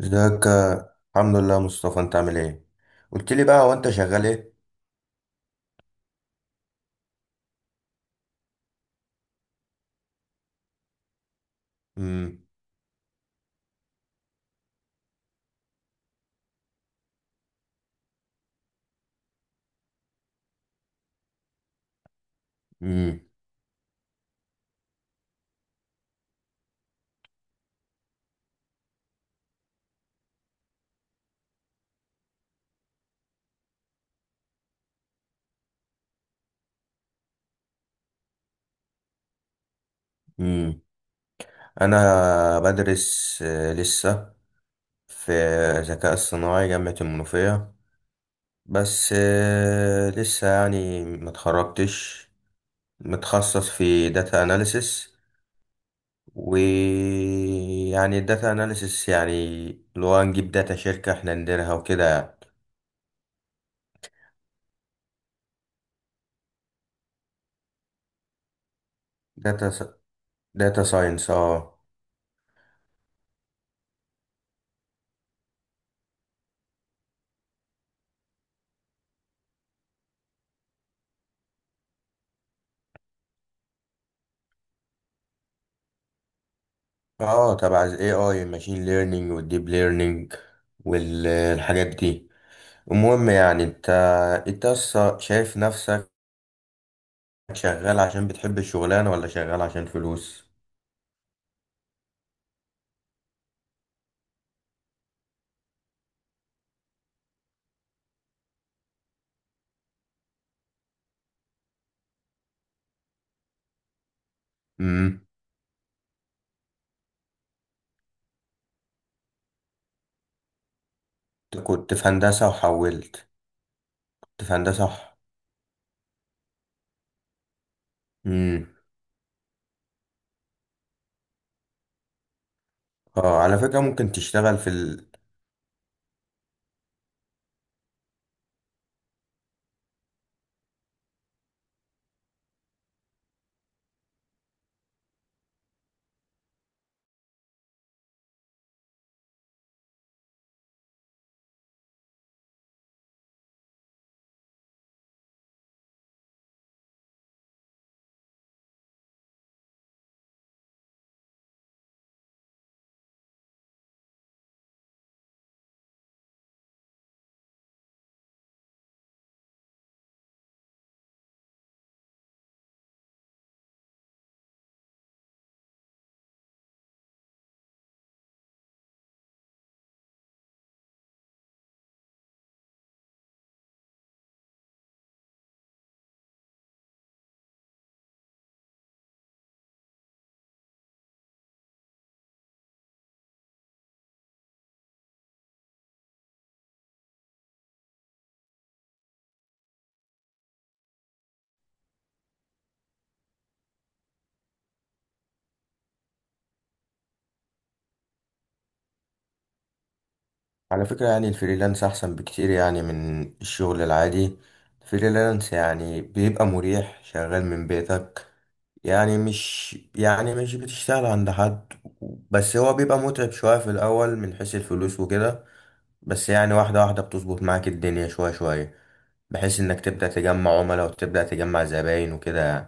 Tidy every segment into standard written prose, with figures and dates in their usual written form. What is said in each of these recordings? ازيك. الحمد لله يا مصطفى، انت عامل ايه؟ قلت لي بقى، هو انت شغال ايه؟ امم. امم. امم. انا بدرس لسه في ذكاء اصطناعي جامعة المنوفية. بس لسه يعني ما اتخرجتش. متخصص في داتا اناليسس. ويعني الداتا اناليسس يعني اللي هو نجيب داتا شركة احنا نديرها وكده يعني. داتا داتا ساينس. اه. اه، تبع ال AI الماشين ليرنينج والديب ليرنينج والحاجات دي. المهم يعني انت أصلا شايف نفسك شغال عشان بتحب الشغلانة ولا شغال عشان فلوس؟ امم. أنت كنت في هندسة وحولت؟ كنت في هندسة صح؟ امم. اه، على فكرة ممكن تشتغل على فكرة يعني الفريلانس احسن بكتير يعني من الشغل العادي. الفريلانس يعني بيبقى مريح، شغال من بيتك. يعني مش بتشتغل عند حد. بس هو بيبقى متعب شوية في الأول من حيث الفلوس وكده. بس يعني واحدة واحدة بتظبط معاك الدنيا شوية شوية، بحيث إنك تبدأ تجمع عملاء وتبدأ تجمع زباين وكده يعني.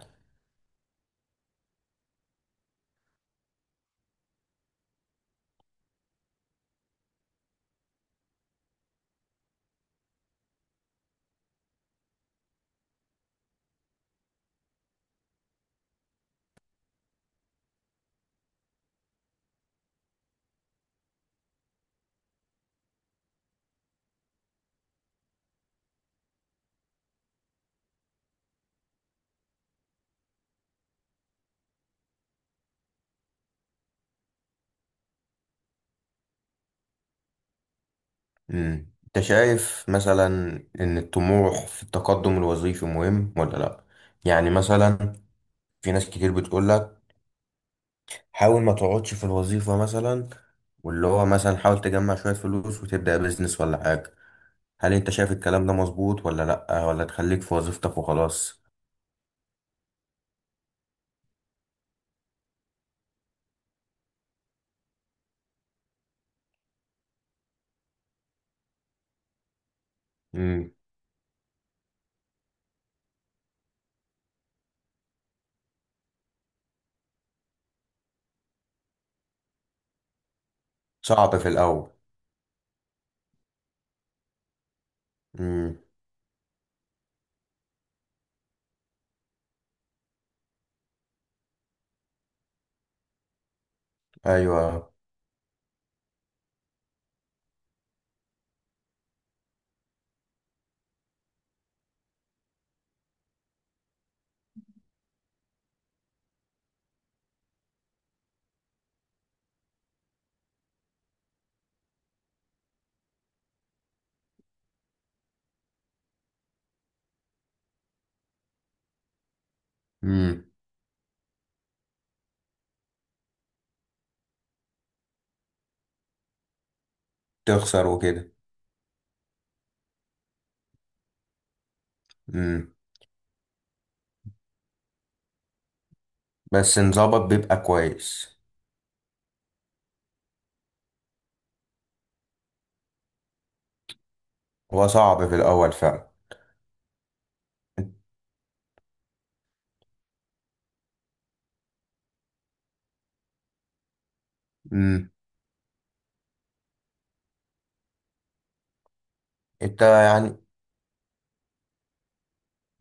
مم. أنت شايف مثلا إن الطموح في التقدم الوظيفي مهم ولا لأ؟ يعني مثلا في ناس كتير بتقولك حاول ما تقعدش في الوظيفة مثلا، واللي هو مثلا حاول تجمع شوية فلوس وتبدأ بيزنس ولا حاجة. هل انت شايف الكلام ده مظبوط ولا لأ، ولا تخليك في وظيفتك وخلاص؟ امم. صعب في الأول. امم. ايوه. امم. تخسر وكده. امم. بس نظبط بيبقى كويس. هو صعب في الأول فعلا. امم. انت يعني،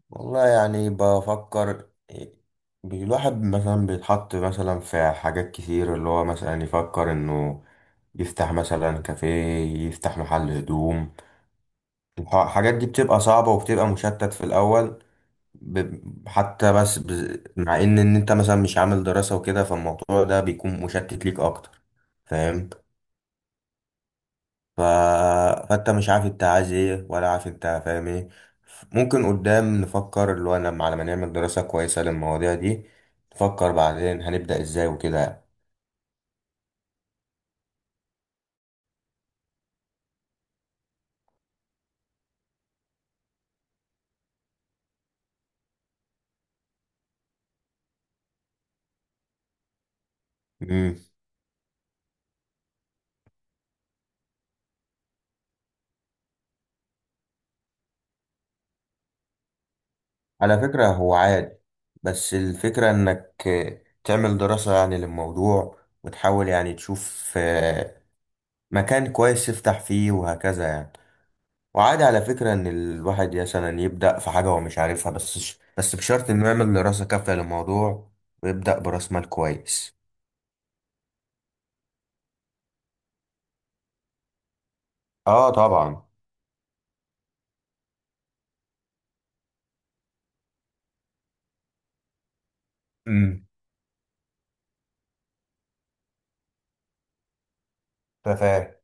والله يعني بفكر. الواحد مثلا بيتحط مثلا في حاجات كتير، اللي هو مثلا يفكر انه يفتح مثلا كافيه، يفتح محل هدوم. الحاجات دي بتبقى صعبة وبتبقى مشتت في الأول. حتى بس مع ان انت مثلا مش عامل دراسة وكده، فالموضوع ده بيكون مشتت ليك اكتر. فاهم؟ ف... فانت مش عارف انت عايز ايه، ولا عارف انت فاهم ايه. ممكن قدام نفكر، اللي هو لما على ما نعمل دراسة كويسة للمواضيع دي، نفكر بعدين هنبدأ ازاي وكده. امم. على فكرة هو عادي، بس الفكرة انك تعمل دراسة يعني للموضوع، وتحاول يعني تشوف مكان كويس تفتح فيه وهكذا يعني. وعادي على فكرة إن الواحد مثلا يبدأ في حاجة هو مش عارفها، بس بشرط إنه يعمل دراسة كافية للموضوع، ويبدأ برأس مال كويس. آه طبعا. امم. فاهم.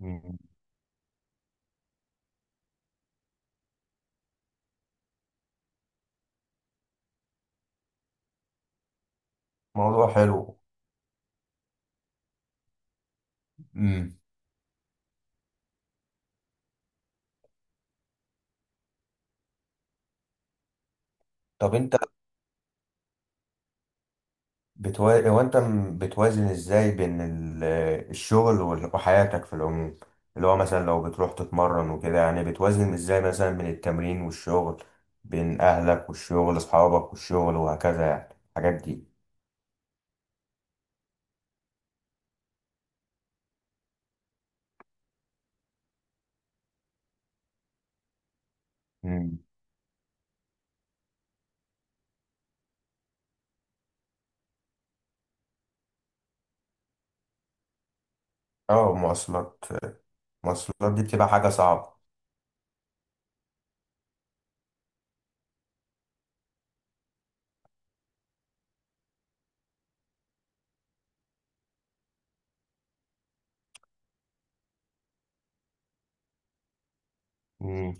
مم. موضوع حلو. امم. طب أنت، هو أنت بتوازن إزاي بين الشغل وحياتك في العموم؟ اللي هو مثلا لو بتروح تتمرن وكده، يعني بتوازن إزاي مثلا بين التمرين والشغل، بين أهلك والشغل، أصحابك والشغل وهكذا يعني الحاجات دي. اه، مواصلات. المواصلات دي بتبقى حاجة صعبة. مم.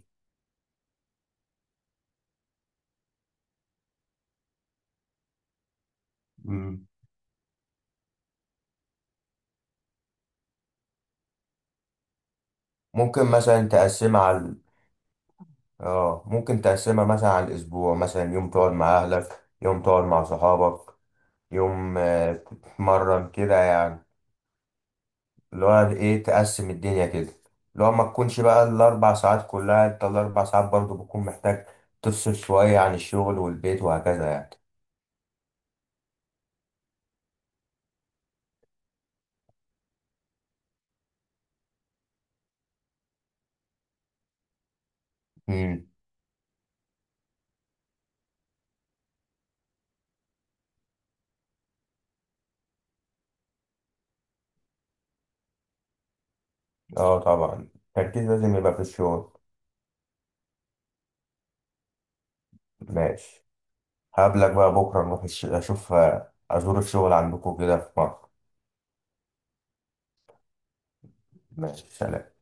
مم. ممكن مثلا تقسمها على، اه ممكن تقسمها مثلا على الأسبوع، مثلا يوم تقعد مع أهلك، يوم تقعد مع صحابك، يوم تتمرن كده يعني. اللي هو ايه، تقسم الدنيا كده. اللي هو ما تكونش بقى الأربع ساعات كلها، انت الأربع ساعات برضو بتكون محتاج تفصل شوية عن الشغل والبيت وهكذا يعني. مم. اه طبعا، التركيز لازم يبقى في الشغل. ماشي. هقابلك بقى بكرة نروح أشوف أزور الشغل عندكم كده في مصر. ماشي، سلام.